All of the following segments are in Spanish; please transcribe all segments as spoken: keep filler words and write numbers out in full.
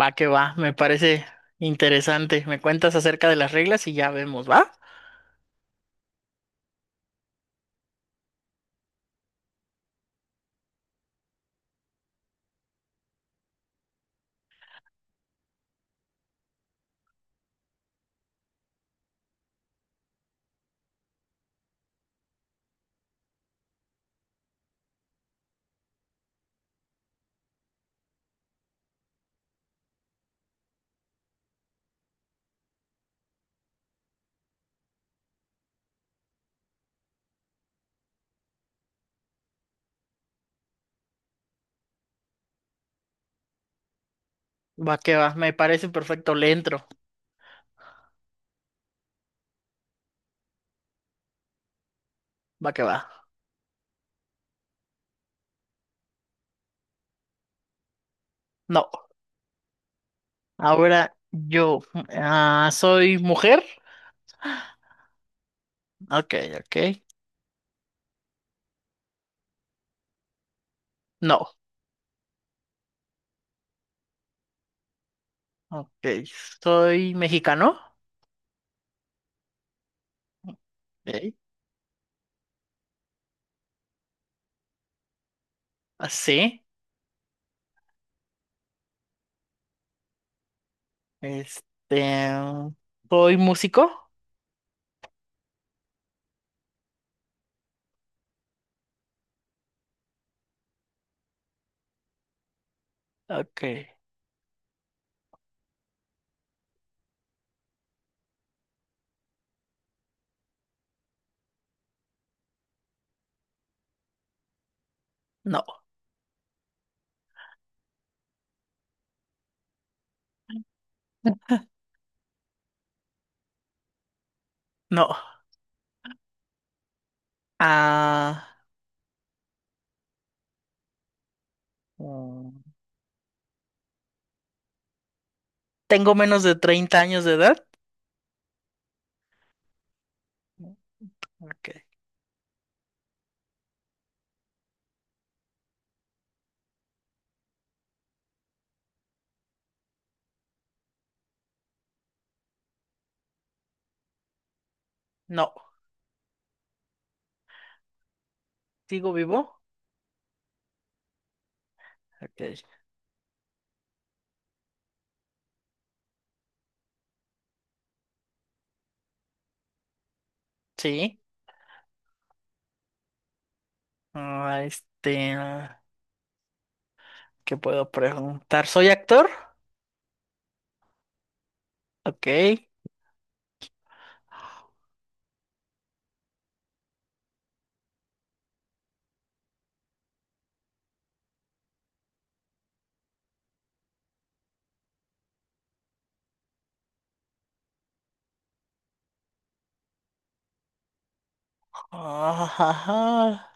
Va que va, me parece interesante. Me cuentas acerca de las reglas y ya vemos, ¿va? Va que va, me parece perfecto, le entro. Va que va. No, ahora yo ah, soy mujer. Ok, ok. No, ok. Soy mexicano. Ok. Así. Este. Soy músico. Ok. No, no. Ah, mm, Tengo menos de treinta años de edad. Ok. No. ¿Sigo vivo? Ok. Sí. Ah, este, ah, ¿qué puedo preguntar? ¿Soy actor? Ok. Ah, ajá.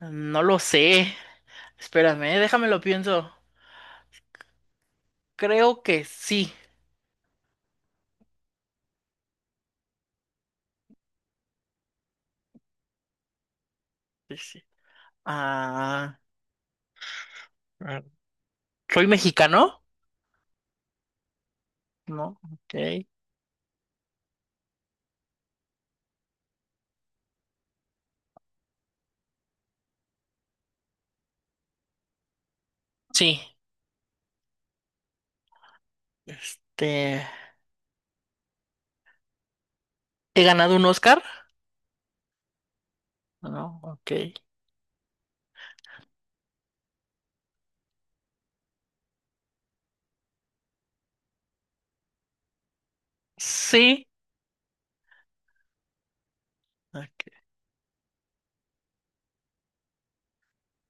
No lo sé. Espérame, déjamelo pienso. Creo que sí. Sí, sí. Ah, ah, ¿soy mexicano? No, ok. Sí. Este, ¿he ganado un Oscar? No, ok. Sí. Ok.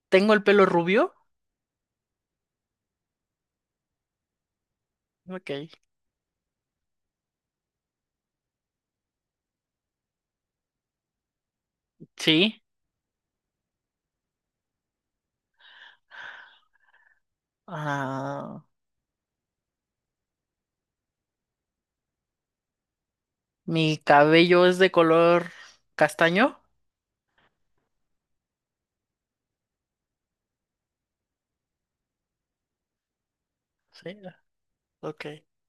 ¿Tengo el pelo rubio? Ok. Sí. Ah, ¿mi cabello es de color castaño? Sí, ok.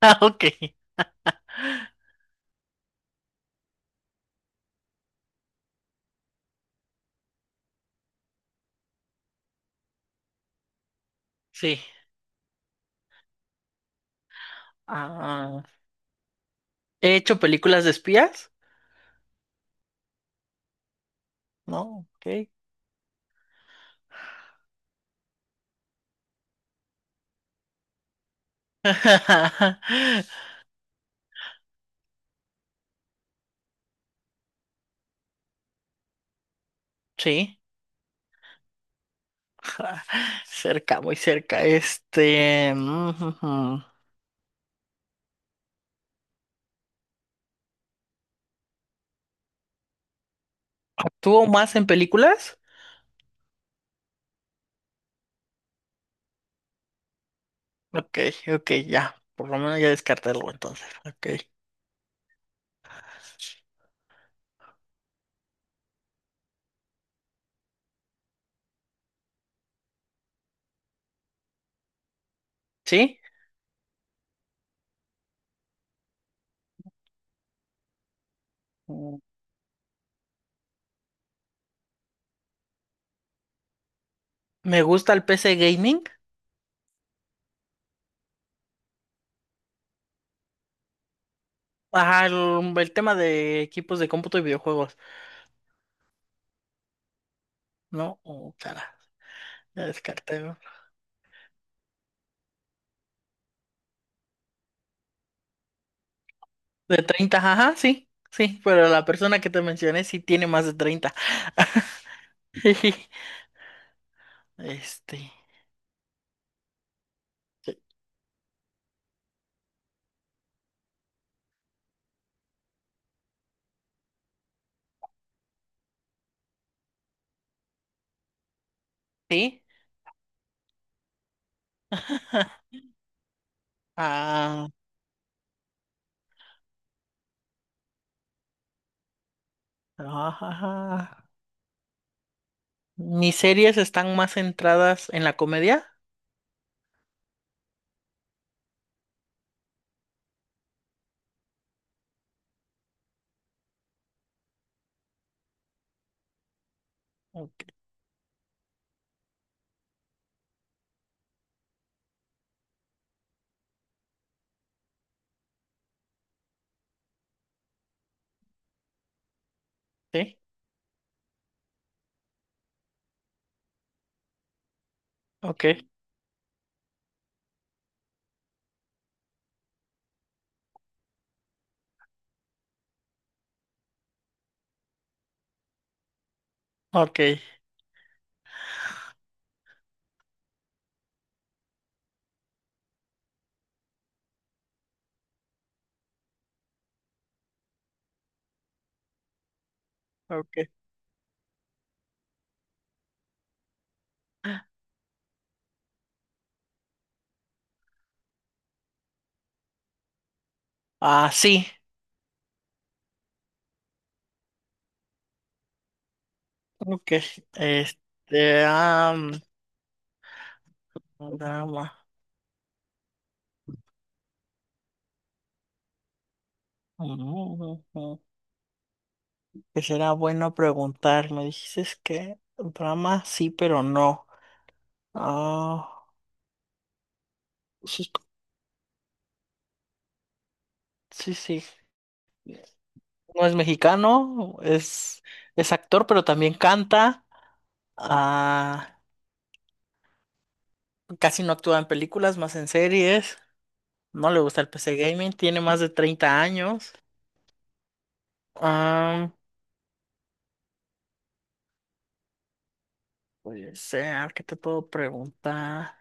Ah, ok. Sí. Ah, he hecho películas de espías. No, ok. Sí, cerca, muy cerca. Este, mm, ¿actúo más en películas? Ok, ok, ya. Por lo menos ya descartarlo entonces. Ok. ¿Sí? Mm, me gusta el P C gaming. Ajá, el, el tema de equipos de cómputo y videojuegos. No, oh, cara, ya descarté, ¿no? De treinta ajá, sí, sí, pero la persona que te mencioné sí tiene más de treinta. Este, sí. Ah, ajá. ajá. Mis series están más centradas en la comedia. Ok, sí, ok, ok, ok. Ah, sí, ok. Este, am, drama. Ujú. Que será bueno preguntar. Me dijiste que drama sí, pero no. Ah, sí, sí. No es mexicano, es, es actor, pero también canta. Ah, casi no actúa en películas, más en series. No le gusta el P C gaming, tiene más de treinta años. Ah, puede ser, ¿qué te puedo preguntar?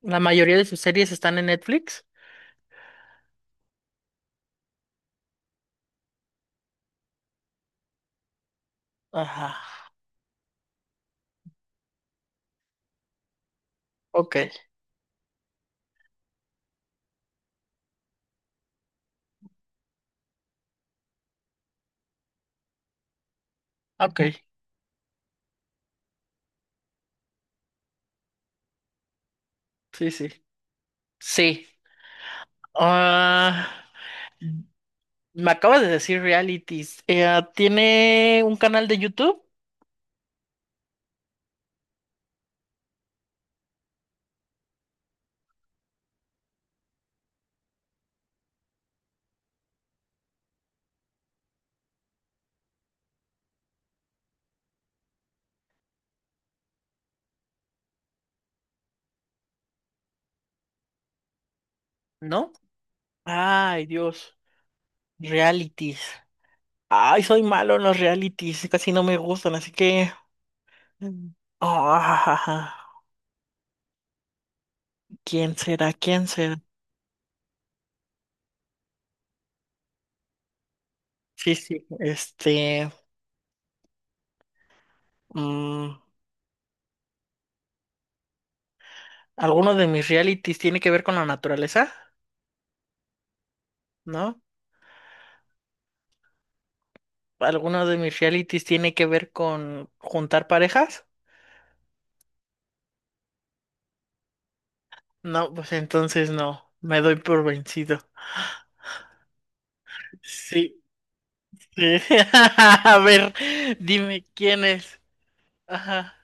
La mayoría de sus series están en Netflix. Ajá. Ok, ok. Sí, sí. Sí. Ah, me acabas de decir realities. Eh, ah, ¿tiene un canal de YouTube? ¿No? Ay, Dios. Realities. Ay, soy malo en los realities, casi no me gustan, así que... Mm. Ah, ¿quién será? ¿Quién será? Sí, sí, este... mm, ¿alguno de mis realities tiene que ver con la naturaleza? ¿No? ¿Alguno de mis realities tiene que ver con juntar parejas? No, pues entonces no, me doy por vencido. Sí, sí. A ver, dime quién es. Ajá.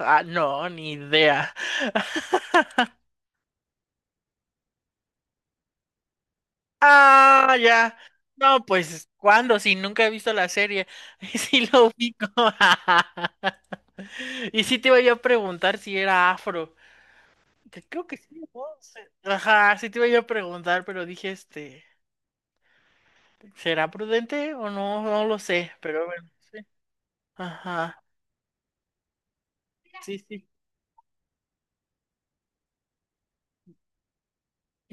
Ah, no, ni idea. Ah, ya. No, pues, ¿cuándo? Si nunca he visto la serie. Sí lo ubico. Y sí te iba yo a preguntar si era afro. Que creo que sí, ¿no? Se- Ajá, sí te iba yo a preguntar, pero dije, este, ¿será prudente o no? No lo sé, pero bueno, sí. Ajá, sí, sí.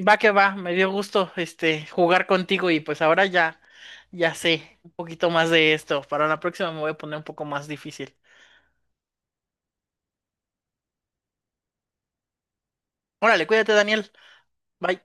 Va que va, me dio gusto, este, jugar contigo y pues ahora ya, ya sé un poquito más de esto. Para la próxima me voy a poner un poco más difícil. Órale, cuídate, Daniel. Bye.